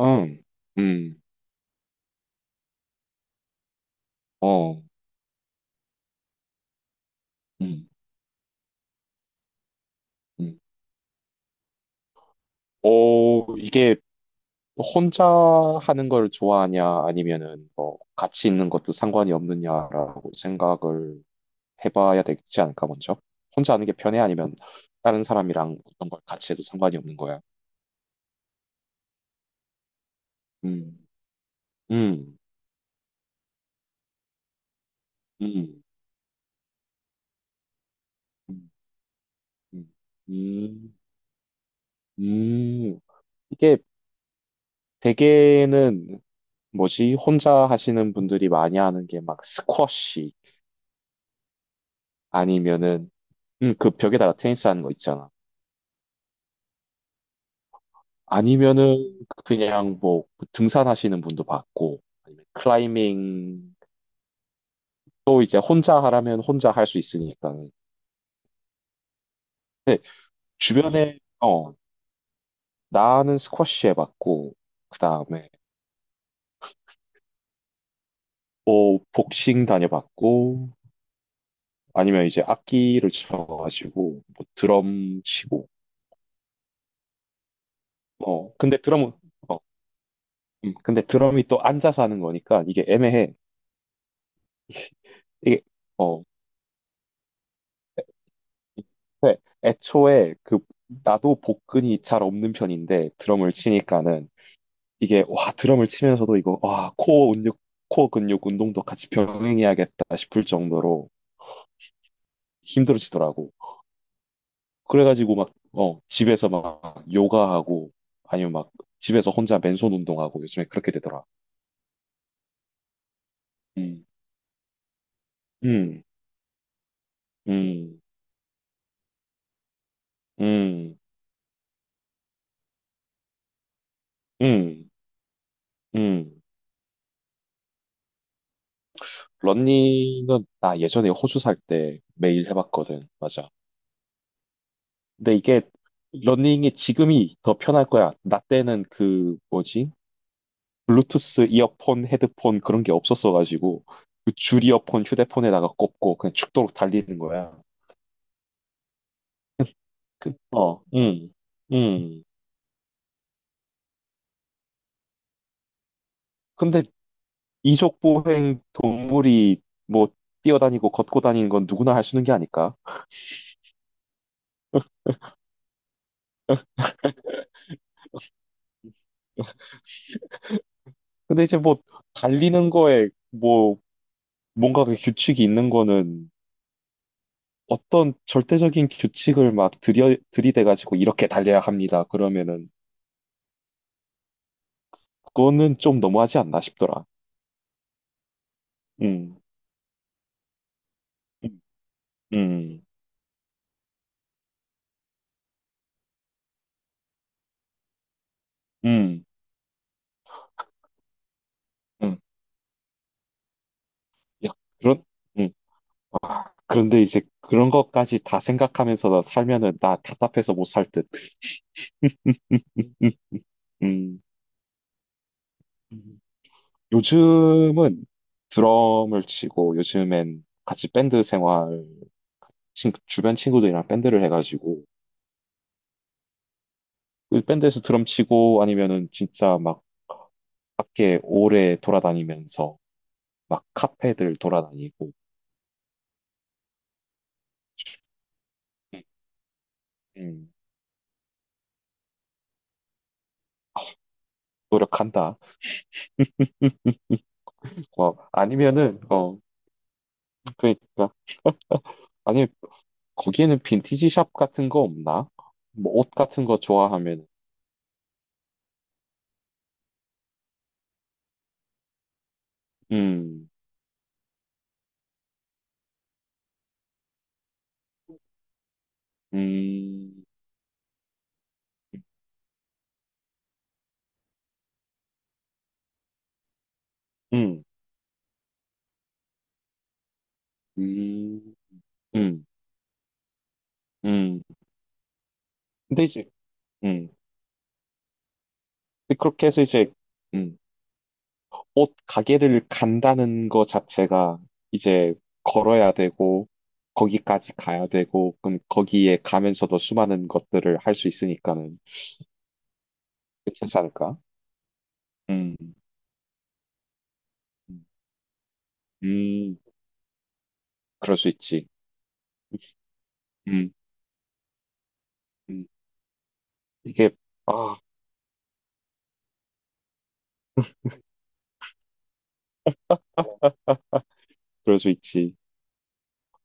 음, 음, 어, 음, 음. 오, 이게 혼자 하는 걸 좋아하냐, 아니면은 뭐 같이 있는 것도 상관이 없느냐라고 생각을 해봐야 되지 않을까, 먼저? 혼자 하는 게 편해? 아니면 다른 사람이랑 어떤 걸 같이 해도 상관이 없는 거야? 음, 음, 음, 음, 음, 음. 음. 이게 대개는 뭐지? 혼자 하시는 분들이 많이 하는 게 막 스쿼시 아니면은 그 벽에다가 테니스 하는 거 있잖아. 아니면은 그냥 뭐 등산하시는 분도 봤고, 아니면 클라이밍 또 이제 혼자 하라면 혼자 할 수 있으니까. 근데 주변에 어 나는 스쿼시 해봤고, 그 다음에 뭐 복싱 다녀봤고, 아니면 이제 악기를 쳐가지고 뭐 드럼 치고. 어 근데 드럼은 어 근데 드럼이 또 앉아서 하는 거니까 이게 애매해. 이게 어, 네, 애초에 그 나도 복근이 잘 없는 편인데 드럼을 치니까는 이게 와 드럼을 치면서도 이거 와 코어 근육 운동도 같이 병행해야겠다 싶을 정도로 힘들어지더라고. 그래가지고 막 어, 집에서 막 요가하고 아니면 막 집에서 혼자 맨손 운동하고 요즘에 그렇게 되더라. 음, 음, 음, 음, 음, 음. 러닝은 나 예전에 호주 살 때 매일 해봤거든. 맞아. 근데 이게 러닝이 지금이 더 편할 거야. 나 때는 그 뭐지? 블루투스 이어폰, 헤드폰 그런 게 없었어가지고 그 줄이어폰 휴대폰에다가 꼽고 그냥 죽도록 달리는 거야. 그, 어, 응, 응. 근데 이족보행 동물이 뭐 뛰어다니고 걷고 다니는 건 누구나 할 수 있는 게 아닐까? 근데 이제 뭐 달리는 거에 뭐 뭔가 그 규칙이 있는 거는 어떤 절대적인 규칙을 막 들이대가지고 이렇게 달려야 합니다. 그러면은 그거는 좀 너무하지 않나 싶더라. 음, 음, 음, 음, 음. 야, 그런, 음. 그런데 이제 그런 것까지 다 생각하면서 살면은 나 답답해서 못 살 듯. 음, 음, 음. 음. 요즘은 드럼을 치고 요즘엔 같이 밴드 생활 주변 친구들이랑 밴드를 해가지고 그 밴드에서 드럼 치고 아니면은 진짜 막 밖에 오래 돌아다니면서 막 카페들 돌아다니고 음, 음, 노력한다. 어, 아니면은 어 그러니까 아니 거기에는 빈티지 샵 같은 거 없나? 뭐 옷 같은 거 좋아하면 음, 음, 음, 음, 음, 음. 근데 이제 음 근데 그렇게 해서 이제 음. 옷 가게를 간다는 거 자체가 이제 걸어야 되고, 거기까지 가야 되고, 그럼 거기에 가면서도 수많은 것들을 할 수 있으니까는 괜찮지 않을까? 음, 음, 그럴 수 있지. 음, 음. 이게, 아, 그럴 수 있지.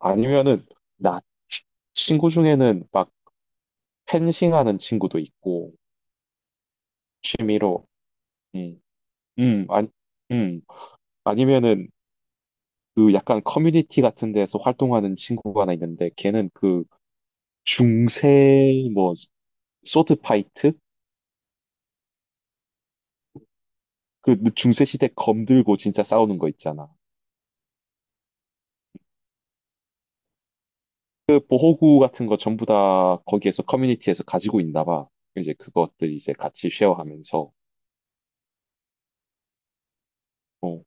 아니면은, 나 치- 친구 중에는 막 펜싱 하는 친구도 있고, 취미로, 음, 아니, 음, 아니면은, 그 약간 커뮤니티 같은 데서 활동하는 친구가 하나 있는데 걔는 그 중세 뭐 소드 파이트 그 중세 시대 검 들고 진짜 싸우는 거 있잖아. 그 보호구 같은 거 전부 다 거기에서 커뮤니티에서 가지고 있나 봐. 이제 그것들 이제 같이 쉐어하면서 어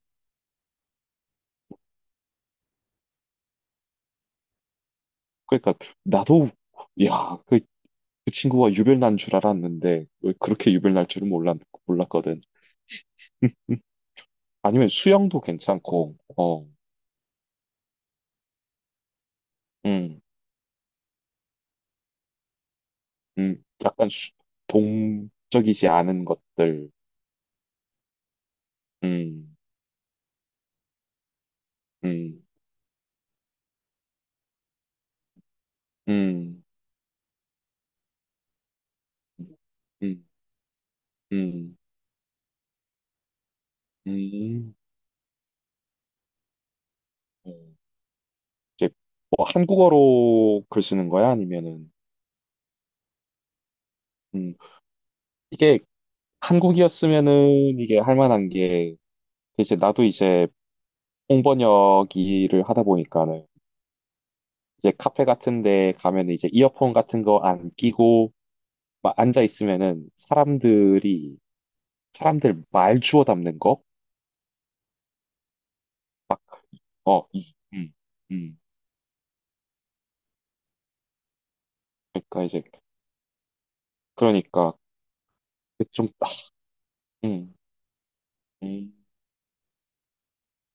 그러니까 나도 야 그 그 친구가 유별난 줄 알았는데 왜 그렇게 유별날 줄은 몰랐거든. 음, 아니면 수영도 괜찮고 어 음. 약간 동적이지 않은 것들. 음, 음, 음, 음, 음, 음. 음. 이제 뭐 한국어로 글 쓰는 거야? 아니면은, 음, 이게 한국이었으면은 이게 할 만한 게, 이제 나도 이제 홍번역 일을 하다 보니까는, 이제 카페 같은 데 가면 이제 이어폰 같은 거 안 끼고, 막 앉아 있으면은 사람들 말 주워 담는 거? 어, 음, 음. 그러니까 이제, 그러니까, 그 좀, 아, 음, 음.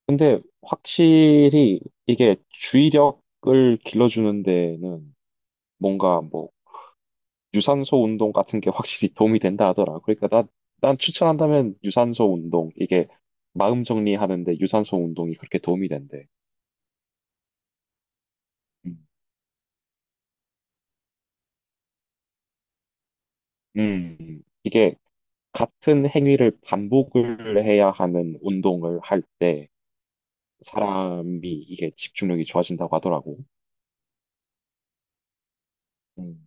근데 확실히 이게 주의력을 길러주는 데는 뭔가 뭐, 유산소 운동 같은 게 확실히 도움이 된다 하더라. 난 추천한다면 유산소 운동, 이게 마음 정리하는데 유산소 운동이 그렇게 도움이 된대. 음, 이게 같은 행위를 반복을 해야 하는 운동을 할 때, 사람이 이게 집중력이 좋아진다고 하더라고. 음,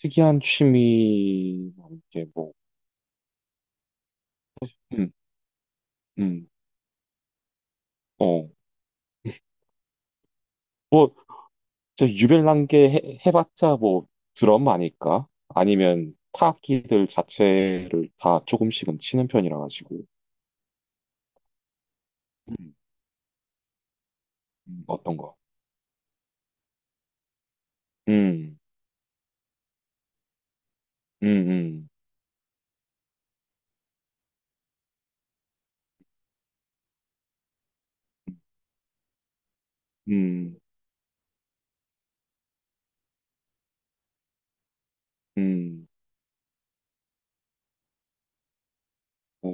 특이한 취미 이게 뭐, 음, 음, 어, 뭐, 저 유별난 게 해봤자 뭐 드럼 아닐까? 아니면 타악기들 자체를 다 조금씩은 치는 편이라 가지고, 음, 어떤 거? 음, 음, 음, 음, 음, 어,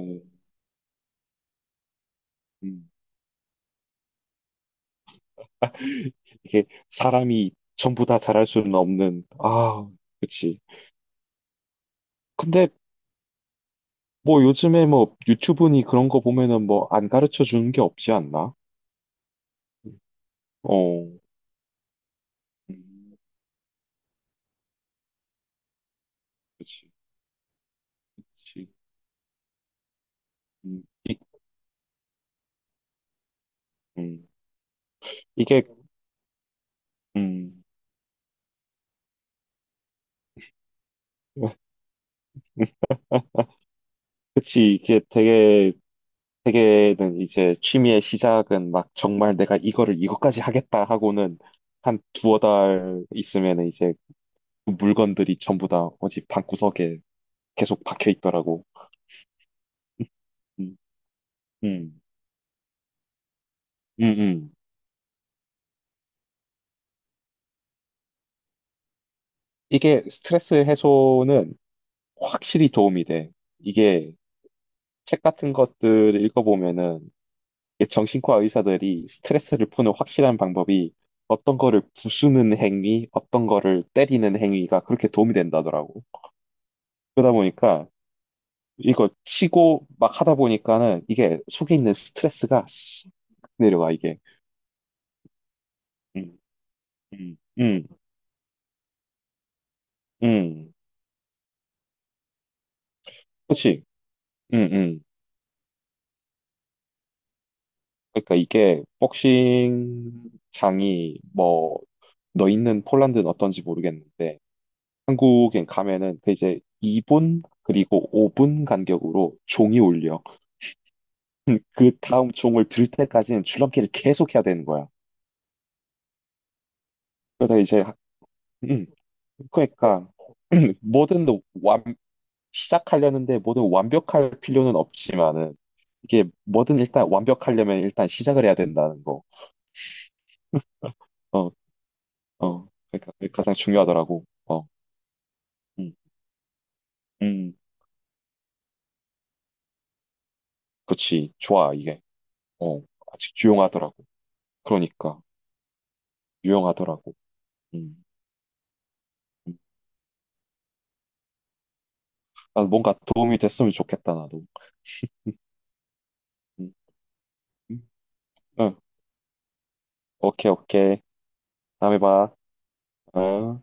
음. 이게 사람이 전부 다 잘할 수는 없는, 아, 그치. 근데 뭐 요즘에 뭐 유튜브니 그런 거 보면은 뭐 안 가르쳐 주는 게 없지 않나? 어. 음, 그치, 그치. 음, 이, 음, 이게, 음, 그치, 이게 되게, 되게는 이제 취미의 시작은 막 정말 내가 이거를 이것까지 하겠다 하고는 한 두어 달 있으면 이제 그 물건들이 전부 다 어디 방구석에 계속 박혀 있더라고. 음, 음, 음, 음. 이게 스트레스 해소는 확실히 도움이 돼. 이게 책 같은 것들 읽어보면은 이 정신과 의사들이 스트레스를 푸는 확실한 방법이 어떤 거를 부수는 행위, 어떤 거를 때리는 행위가 그렇게 도움이 된다더라고. 그러다 보니까 이거 치고 막 하다 보니까는 이게 속에 있는 스트레스가 내려가, 이게. 음, 음, 음, 음. 그치? 음, 음. 그러니까 이게 복싱 장이 뭐, 너 있는 폴란드는 어떤지 모르겠는데 한국에 가면은 그 이제 2분 그리고 5분 간격으로 종이 울려. 그 다음 종을 들 때까지는 줄넘기를 계속 해야 되는 거야. 그러다 이제 음, 그러니까 뭐든 완 시작하려는데 뭐든 완벽할 필요는 없지만은 이게 뭐든 일단 완벽하려면 일단 시작을 해야 된다는 거. 어, 어. 그러니까 그게 가장 중요하더라고. 어. 음. 음. 그치. 좋아, 이게. 어. 아직 유용하더라고. 그러니까 유용하더라고. 음. 음. 난 뭔가 도움이 됐으면 좋겠다, 나도. 응, 응, 오케이, 오케이. 다음에 봐. 어.